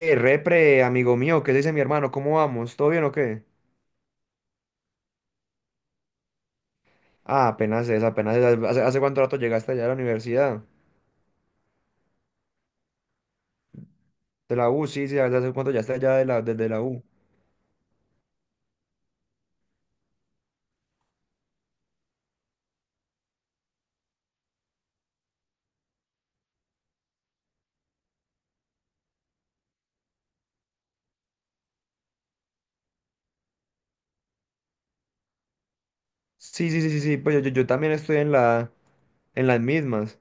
Repre, amigo mío, ¿qué dice mi hermano? ¿Cómo vamos? ¿Todo bien o qué? Ah, apenas es, apenas es. ¿Hace cuánto rato llegaste allá a la universidad? De la U, sí, sí, ¿hace cuánto ya estás allá de desde la U? Sí, sí, sí, sí, sí, pues yo también estoy en en las mismas.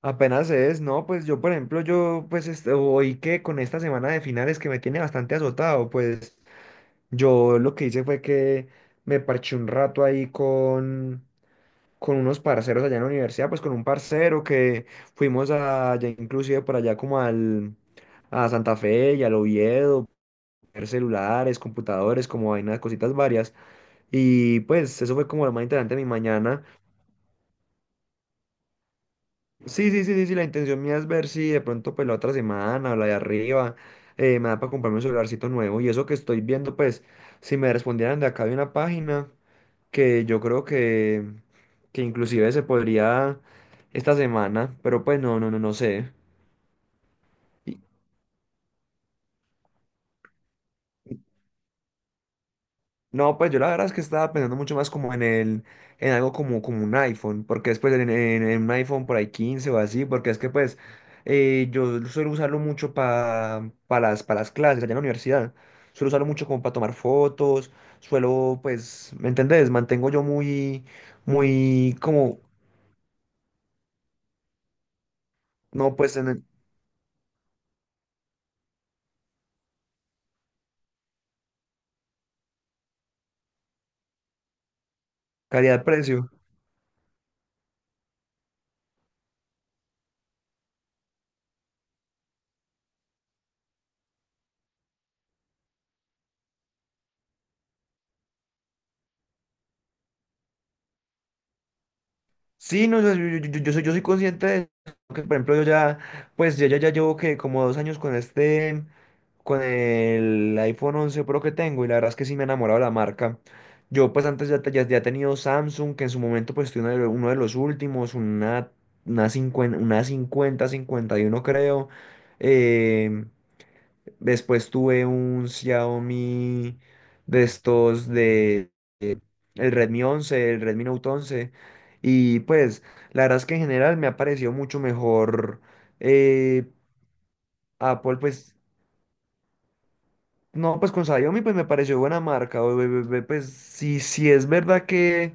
Apenas es, no, pues yo, por ejemplo, yo, pues, este, hoy que con esta semana de finales que me tiene bastante azotado, pues, yo lo que hice fue que me parché un rato ahí con unos parceros allá en la universidad, pues con un parcero que fuimos allá inclusive por allá como a Santa Fe y al Oviedo, ver celulares, computadores, como vainas, cositas varias. Y pues eso fue como lo más interesante de mi mañana. Sí, sí, sí, sí, sí, la intención mía es ver si de pronto pues la otra semana o la de arriba me da para comprarme un celularcito nuevo. Y eso que estoy viendo, pues si me respondieran de acá de una página. Que yo creo que inclusive se podría esta semana, pero pues no, no, no, no sé. Y- No, pues yo la verdad es que estaba pensando mucho más como en en algo como, como un iPhone, porque después en, en un iPhone por ahí 15 o así, porque es que pues yo suelo usarlo mucho para para las clases allá en la universidad. Suelo usarlo mucho como para tomar fotos, suelo pues, ¿me entendés? Mantengo yo muy, muy como, no, pues en el calidad-precio. Sí, no, soy, yo soy consciente de eso, que por ejemplo pues yo ya, ya llevo que como 2 años con este, con el iPhone 11 Pro que tengo y la verdad es que sí me he enamorado de la marca. Yo pues antes ya he tenido Samsung, que en su momento pues tuve uno de, uno de los últimos, una 50, una 50, 51 creo. Eh, Después tuve un Xiaomi de estos de eh, el Redmi 11, el Redmi Note 11 y pues la verdad es que en general me ha parecido mucho mejor eh, Apple pues no, pues con Xiaomi pues me pareció buena marca pues sí, sí es verdad que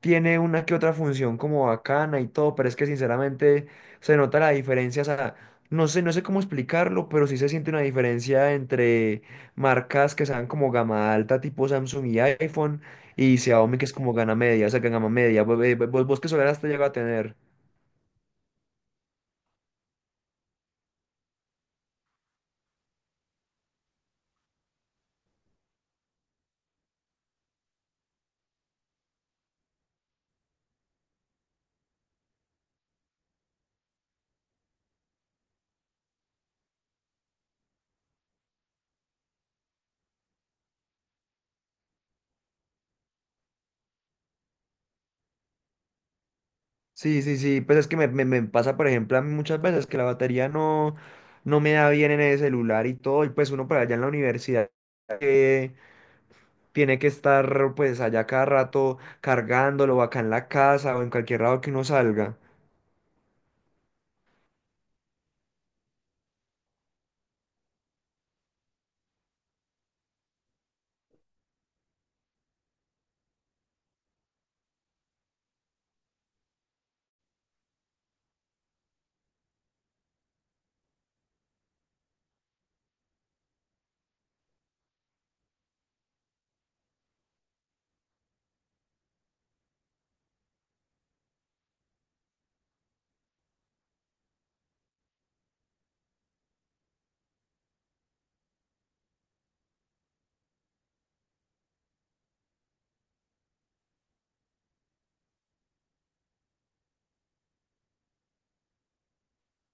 tiene una que otra función como bacana y todo, pero es que sinceramente se nota la diferencia, o sea, no sé, no sé cómo explicarlo, pero sí se siente una diferencia entre marcas que sean como gama alta, tipo Samsung y iPhone, y Xiaomi que es como gama media, o sea, que gama media, vos que solar hasta llega a tener. Sí, sí, sí, pues es que me pasa, por ejemplo, a mí muchas veces que la batería no, no me da bien en el celular y todo, y pues uno para allá en la universidad eh, tiene que estar pues allá cada rato cargándolo o acá en la casa o en cualquier lado que uno salga.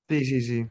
Sí, sí, sí.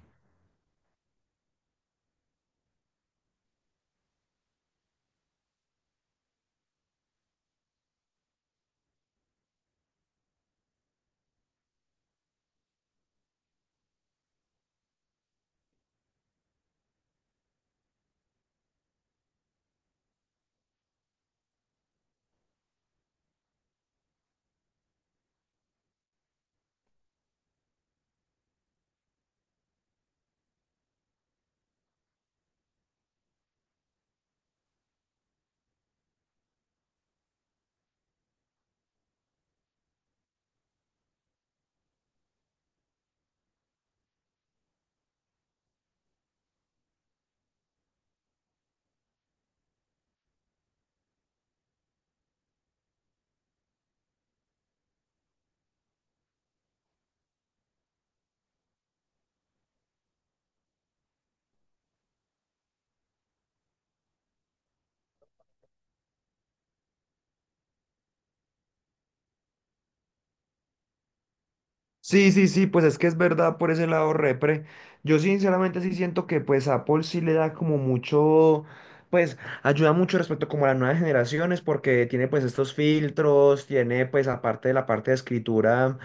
Sí, sí, sí, pues es que es verdad por ese lado repre. Yo sinceramente sí siento que pues Apple sí le da como mucho, pues ayuda mucho respecto como a las nuevas generaciones porque tiene pues estos filtros, tiene pues aparte de la parte de escritura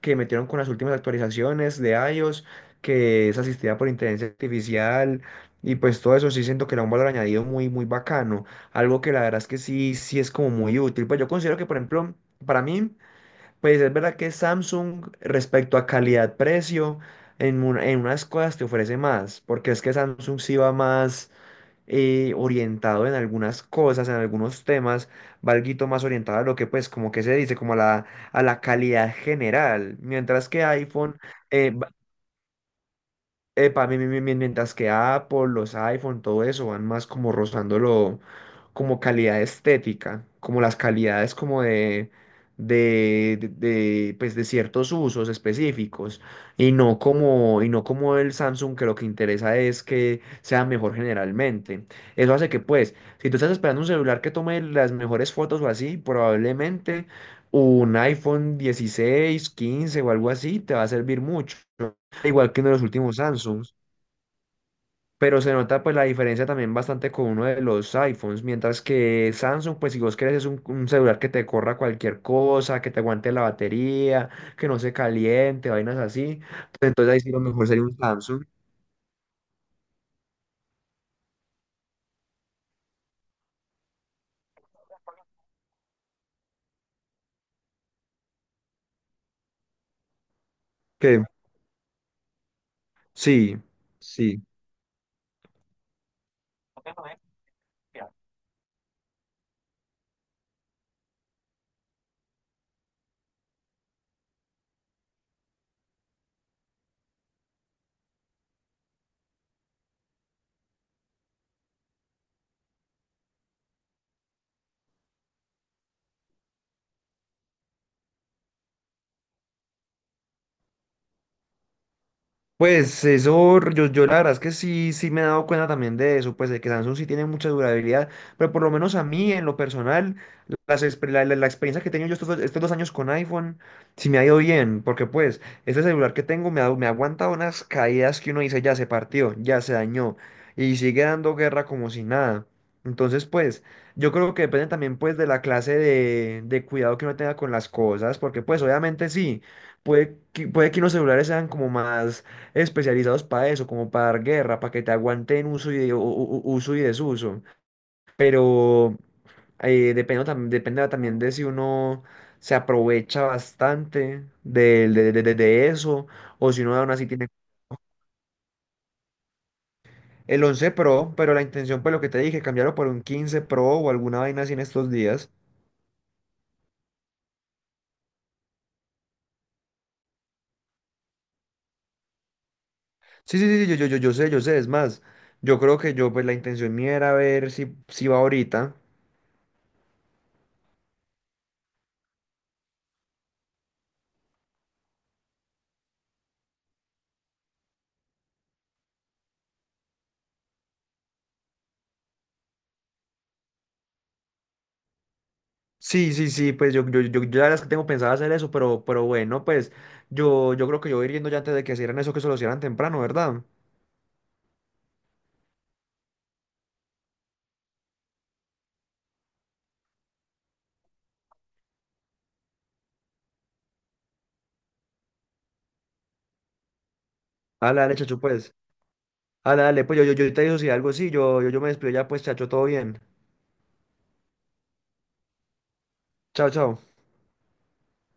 que metieron con las últimas actualizaciones de iOS, que es asistida por inteligencia artificial y pues todo eso sí siento que le da un valor añadido muy, muy bacano. Algo que la verdad es que sí, sí es como muy útil. Pues yo considero que por ejemplo, para mí... Pues es verdad que Samsung respecto a calidad-precio en, en unas cosas te ofrece más, porque es que Samsung sí va más orientado en algunas cosas, en algunos temas, va alguito más orientado a lo que pues como que se dice, como a a la calidad general, mientras que iPhone eh, Epa, mi- mi- mi- mientras que Apple, los iPhone, todo eso van más como rozándolo como calidad estética, como las calidades como de, pues de ciertos usos específicos y no como el Samsung que lo que interesa es que sea mejor generalmente. Eso hace que pues, si tú estás esperando un celular que tome las mejores fotos o así, probablemente un iPhone 16 15 o algo así te va a servir mucho al igual que uno de los últimos Samsungs, pero se nota pues la diferencia también bastante con uno de los iPhones, mientras que Samsung pues si vos querés es un celular que te corra cualquier cosa, que te aguante la batería, que no se caliente, vainas así, pues, entonces ahí sí lo mejor sería un Samsung, que sí, sí. Pues eso, yo la verdad es que sí, sí me he dado cuenta también de eso, pues de que Samsung sí tiene mucha durabilidad, pero por lo menos a mí, en lo personal, las, exper- la- la experiencia que he tenido yo estos 2 años con iPhone, sí me ha ido bien, porque pues este celular que tengo me aguanta unas caídas que uno dice, ya se partió, ya se dañó, y sigue dando guerra como si nada. Entonces, pues, yo creo que depende también, pues, de la clase de cuidado que uno tenga con las cosas, porque, pues, obviamente sí, puede que unos celulares sean como más especializados para eso, como para dar guerra, para que te aguanten uso y uso y desuso. Pero depende, dependerá también de si uno se aprovecha bastante de eso o si uno aún así tiene el 11 Pro, pero la intención, pues lo que te dije, cambiarlo por un 15 Pro o alguna vaina así en estos días. Sí, sí, sí, yo sé, es más, yo creo que yo, pues la intención mía era ver si, si va ahorita. Sí, sí, sí, pues yo la verdad es que tengo pensado hacer eso, pero bueno, pues yo creo que yo voy a ir yendo ya antes de que hicieran eso, que se lo hicieran temprano, ¿verdad? Dale, dale, chacho, pues. Dale, dale, pues yo te digo si algo sí, yo me despido ya, pues, chacho, todo bien. Chao, chao.